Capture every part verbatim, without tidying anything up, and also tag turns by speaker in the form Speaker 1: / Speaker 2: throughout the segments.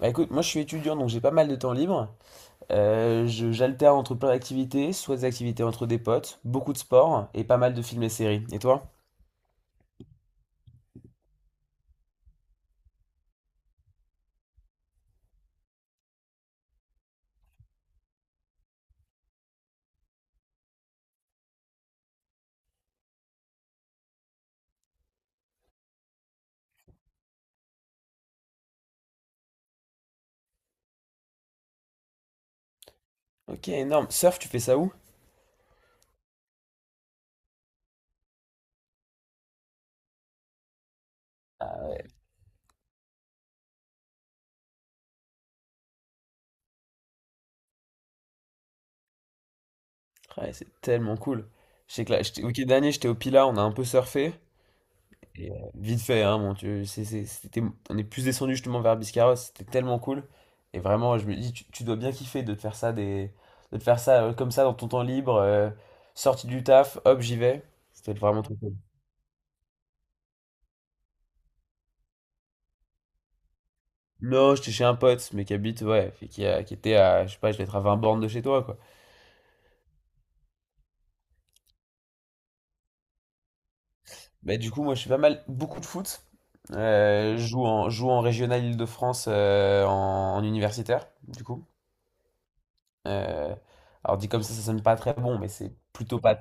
Speaker 1: Bah écoute, moi je suis étudiant donc j'ai pas mal de temps libre. Euh, je- j'alterne entre plein d'activités, soit des activités entre des potes, beaucoup de sport et pas mal de films et séries. Et toi? Ok, énorme. Surf, tu fais ça où? Ah, ouais, c'est tellement cool. Je sais que là, j'étais- le week-end dernier j'étais au Pila, on a un peu surfé. Et, euh, vite fait, hein, mon Dieu, c'est- c'est- c'était, on est plus descendu justement vers Biscarrosse, c'était tellement cool. Et vraiment, je me dis, tu, tu dois bien kiffer de te faire ça, des, de te faire ça euh, comme ça dans ton temps libre, euh, sorti du taf, hop, j'y vais. C'était vraiment trop cool. Non, j'étais chez un pote, mais qui habite, ouais, et qui, a- qui était à, je sais pas, je vais être à vingt bornes de chez toi, quoi. Bah, du coup, moi, je fais pas mal, beaucoup de foot. Euh, je joue en, je joue en régional Île-de-France, euh, en en universitaire, du coup. Euh, alors dit comme ça, ça sonne pas très bon, mais c'est plutôt pas.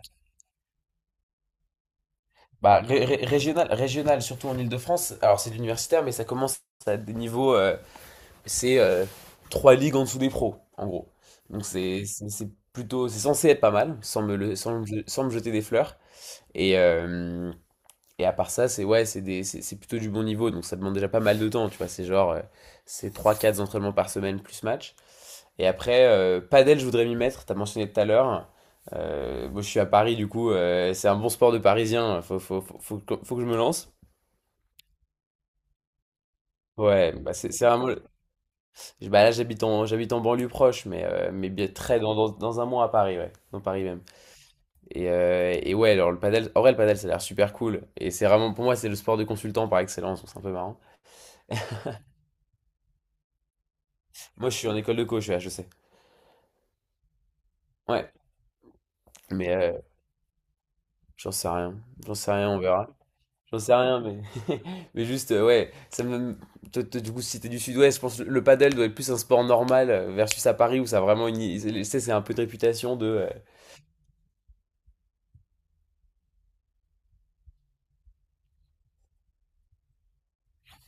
Speaker 1: Bah, ré- ré- régional, régional, surtout en Île-de-France, alors c'est de l'universitaire, mais ça commence à des niveaux, euh, c'est euh, trois ligues en dessous des pros, en gros. Donc c'est c'est- c'est plutôt, c'est censé être pas mal, sans me, le- sans, me sans me jeter des fleurs. Et, euh, et à part ça, c'est ouais, c'est des- c'est c'est plutôt du bon niveau, donc ça demande déjà pas mal de temps, tu vois. C'est genre, euh, c'est trois quatre entraînements par semaine plus match. Et après, euh, padel, je voudrais m'y mettre, t'as mentionné tout à l'heure. Euh, moi, je suis à Paris, du coup, euh, c'est un bon sport de Parisien. Faut, faut, faut, faut que faut que je me lance. Ouais, bah c'est c'est vraiment. le- Bah là, j'habite en, j'habite en banlieue proche, mais, euh, mais bien très dans, dans, dans un mois à Paris, ouais, dans Paris même. Et, euh, et ouais, alors le padel, en vrai, le padel, ça a l'air super cool. Et c'est vraiment, pour moi, c'est le sport de consultant par excellence, donc c'est un peu marrant. Moi, je suis en école de coach, je sais. Ouais, mais euh, j'en sais rien. J'en sais rien, on verra. J'en sais rien, mais. Mais juste, euh, ouais, ça me. toi, toi, Du coup, si t'es du sud-ouest, je pense que le padel doit être plus un sport normal euh, versus à Paris où ça a vraiment une. Tu sais, c'est un peu de réputation de.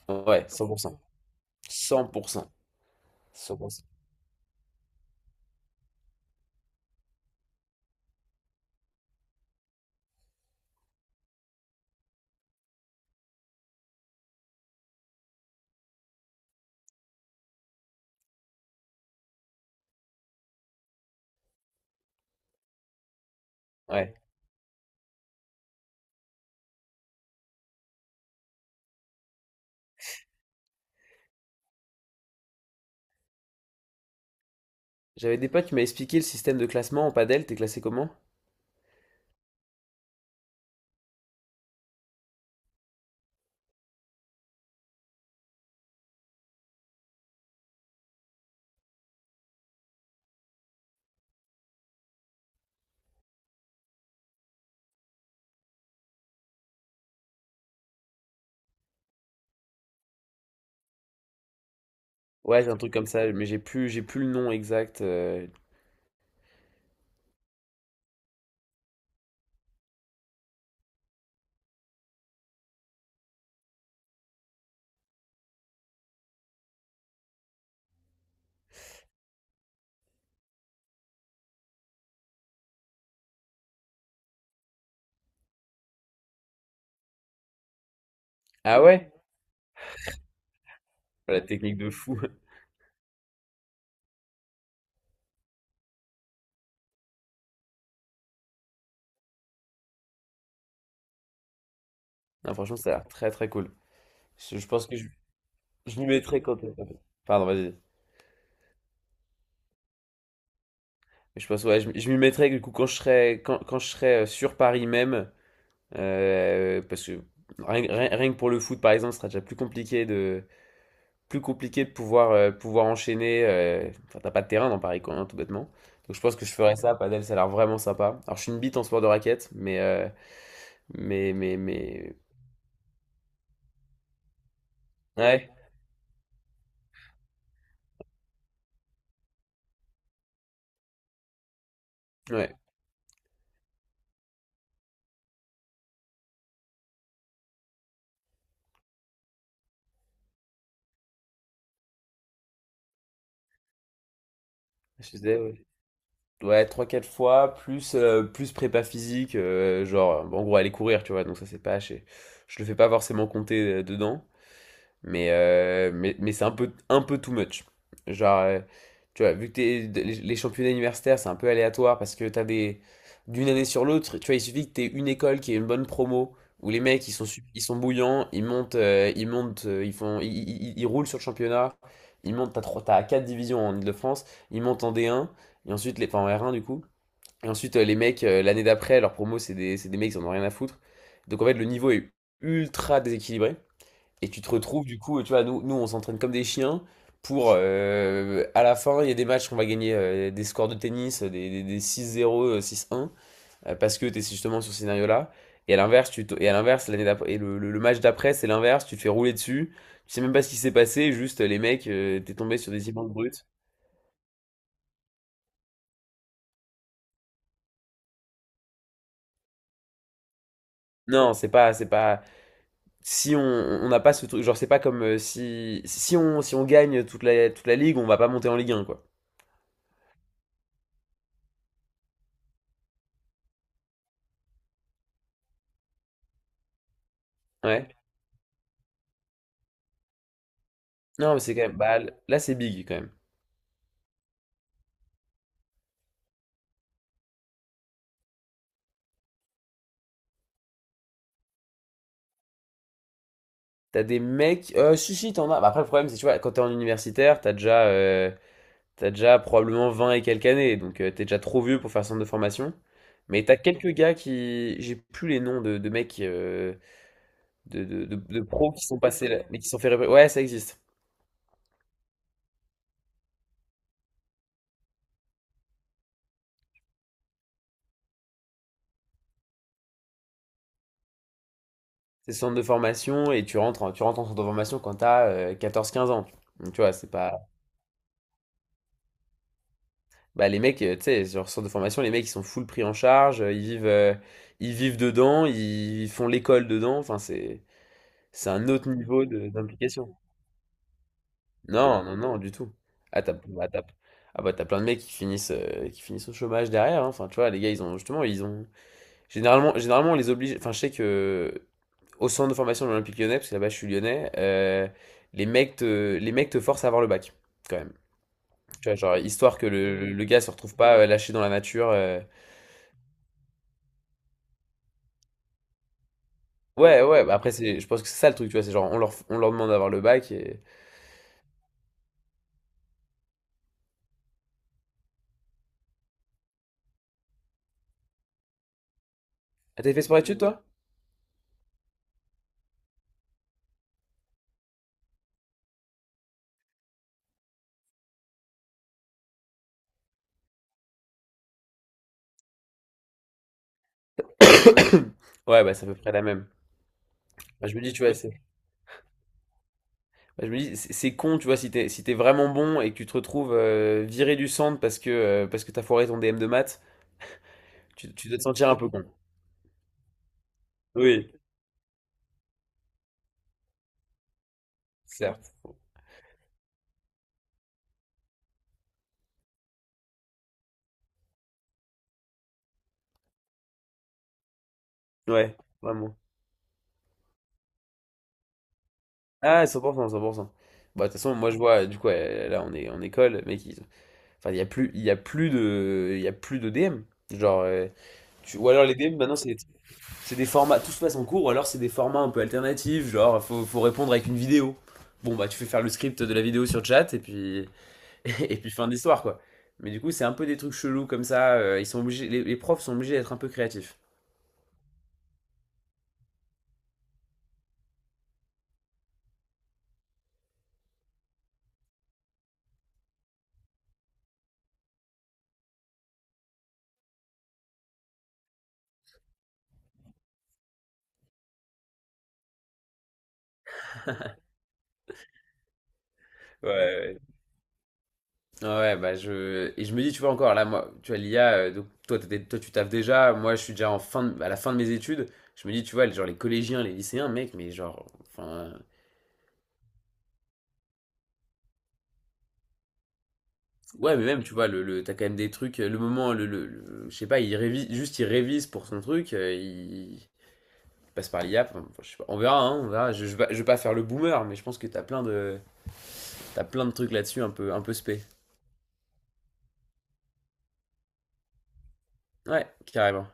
Speaker 1: euh, Ouais, cent pour cent cent pour cent. 100%. Ouais. J'avais des potes qui m'avaient expliqué le système de classement en padel, t'es classé comment? Ouais, c'est un truc comme ça, mais j'ai plus, j'ai plus le nom exact. Euh. Ah ouais? Ouais, la technique de fou. Non, franchement, ça a l'air très très cool. Je, je pense que je, je m'y mettrai quand. Euh, Pardon, vas-y. Je pense, ouais, je, m- je m'y mettrai du coup quand je serai, quand, quand je serai euh, sur Paris même. Euh, parce que rien, rien- rien que pour le foot, par exemple, ce sera déjà plus compliqué de, plus compliqué de pouvoir, euh, pouvoir enchaîner. Euh, Enfin, t'as pas de terrain dans Paris, quoi, hein, tout bêtement. Donc je pense que je ferais ça, padel, ça a l'air vraiment sympa. Alors je suis une bite en sport de raquette, mais... euh, mais, mais, mais... Ouais, ouais, je disais, ouais. Ouais, trois quatre fois, plus, euh, plus prépa physique, euh, genre, bon, en gros, aller courir, tu vois, donc ça c'est pas... Je, je le fais pas forcément compter euh, dedans. Mais, euh, mais, mais c'est un peu, un peu too much. Genre, euh, tu vois, vu que t'es- de- les les championnats universitaires, c'est un peu aléatoire parce que t'as des... D'une année sur l'autre, tu vois, il suffit que t'aies une école qui ait une bonne promo, où les mecs, ils sont, su- ils sont bouillants, ils montent, euh, ils montent, euh, ils font, ils, ils- ils- ils roulent sur le championnat, ils montent, t'as trois, t'as quatre divisions en île de france, ils montent en D un, et ensuite, les, enfin en R un du coup, et ensuite, euh, les mecs, euh, l'année d'après, leur promo, c'est des, c'est des mecs qui en ont rien à foutre. Donc en fait, le niveau est ultra déséquilibré. Et tu te retrouves du coup, tu vois, nous, nous on s'entraîne comme des chiens pour euh, à la fin, il y a des matchs qu'on va gagner euh, des scores de tennis, euh, des, des- des six zéro euh, six un, euh, parce que tu es justement sur ce scénario-là. Et à l'inverse, tu te- et à l'inverse, l'année d'après, et le, le- le match d'après, c'est l'inverse, tu te fais rouler dessus, tu sais même pas ce qui s'est passé, juste euh, les mecs, euh, t'es tombé sur des immenses brutes. Non, c'est pas, c'est pas. Si on on n'a pas ce truc, genre c'est pas comme euh, si si on si on gagne toute la toute la ligue, on va pas monter en Ligue un quoi. Ouais. Non, mais c'est quand même. Bah, là, c'est big quand même. T'as des mecs. Euh, si, si, t'en as. Bah, après, le problème, c'est tu vois, quand t'es en universitaire, t'as déjà, euh, t'as déjà probablement vingt et quelques années. Donc, euh, t'es déjà trop vieux pour faire centre de formation. Mais t'as quelques gars qui. J'ai plus les noms de, de mecs, euh, de, de, de, de pros qui sont passés là, mais qui se sont fait. répré- Ouais, ça existe. C'est centre de formation et tu rentres, en- tu rentres en centre de formation quand t'as euh, quatorze quinze ans. Donc, tu vois, c'est pas. Bah, les mecs, euh, tu sais, sur centre de formation, les mecs, ils sont full pris en charge, euh, ils vivent, euh, ils vivent dedans, ils font l'école dedans. Enfin, c'est. C'est un autre niveau de- d'implication. Non, non, non, du tout. Ah, t'as, bah, t'as- ah, bah, t'as plein de mecs qui finissent, euh, qui finissent au chômage derrière, hein. Enfin, tu vois, les gars, ils ont justement, ils ont. Généralement, généralement, on les oblige. Enfin, je sais que au centre de formation de l'Olympique Lyonnais, parce que là-bas, je suis lyonnais, euh, les mecs te, les mecs te forcent à avoir le bac, quand même. Tu vois, genre, histoire que le, le- gars se retrouve pas euh, lâché dans la nature. Euh. Ouais, ouais, bah après, c'est, je pense que c'est ça le truc, tu vois. C'est genre, on leur, on leur demande d'avoir le bac et. Ah, t'as fait sport études, toi? Ouais, bah, c'est à peu près la même. Bah, je me dis, tu vois. Bah, je me dis, c'est c'est con, tu vois, si t'es si t'es vraiment bon et que tu te retrouves euh, viré du centre parce que, euh, parce que t'as foiré ton D M de maths, tu, tu dois te sentir un peu con. Oui, certes. Ouais, vraiment. Ah, cent pour cent cent pour pour cent. Bah, de toute façon, moi je vois, du coup, euh, là on est en école, mec, ils- enfin, il y a plus, il y a plus de, il y a plus de D M. Genre, euh, tu- ou alors les D M maintenant c'est. c'est des formats, tout se passe en cours, ou alors c'est des formats un peu alternatifs, genre faut, faut répondre avec une vidéo. Bon, bah tu fais faire le script de la vidéo sur chat et puis. Et puis fin d'histoire, quoi. Mais du coup, c'est un peu des trucs chelous comme ça. Euh, ils sont obligés, les, les profs sont obligés d'être un peu créatifs. Ouais, ouais, Ouais, bah je. Et je me dis, tu vois, encore là, moi, tu vois, l'I A, euh, donc toi, t'es- toi, tu taffes déjà. Moi, je suis déjà en fin de- à la fin de mes études. Je me dis, tu vois, genre les collégiens, les lycéens, mec, mais genre. Enfin. Ouais, mais même, tu vois, le, le- t'as quand même des trucs. Le moment, le, le, le- je sais pas, il révise, juste il révise pour son truc. euh, il, il passe par l'I A. Enfin, je sais pas, on verra, hein, on verra. Je, je, vais pas- je vais pas faire le boomer, mais je pense que t'as plein de. T'as plein de trucs là-dessus un peu, un peu spé. Ouais, carrément.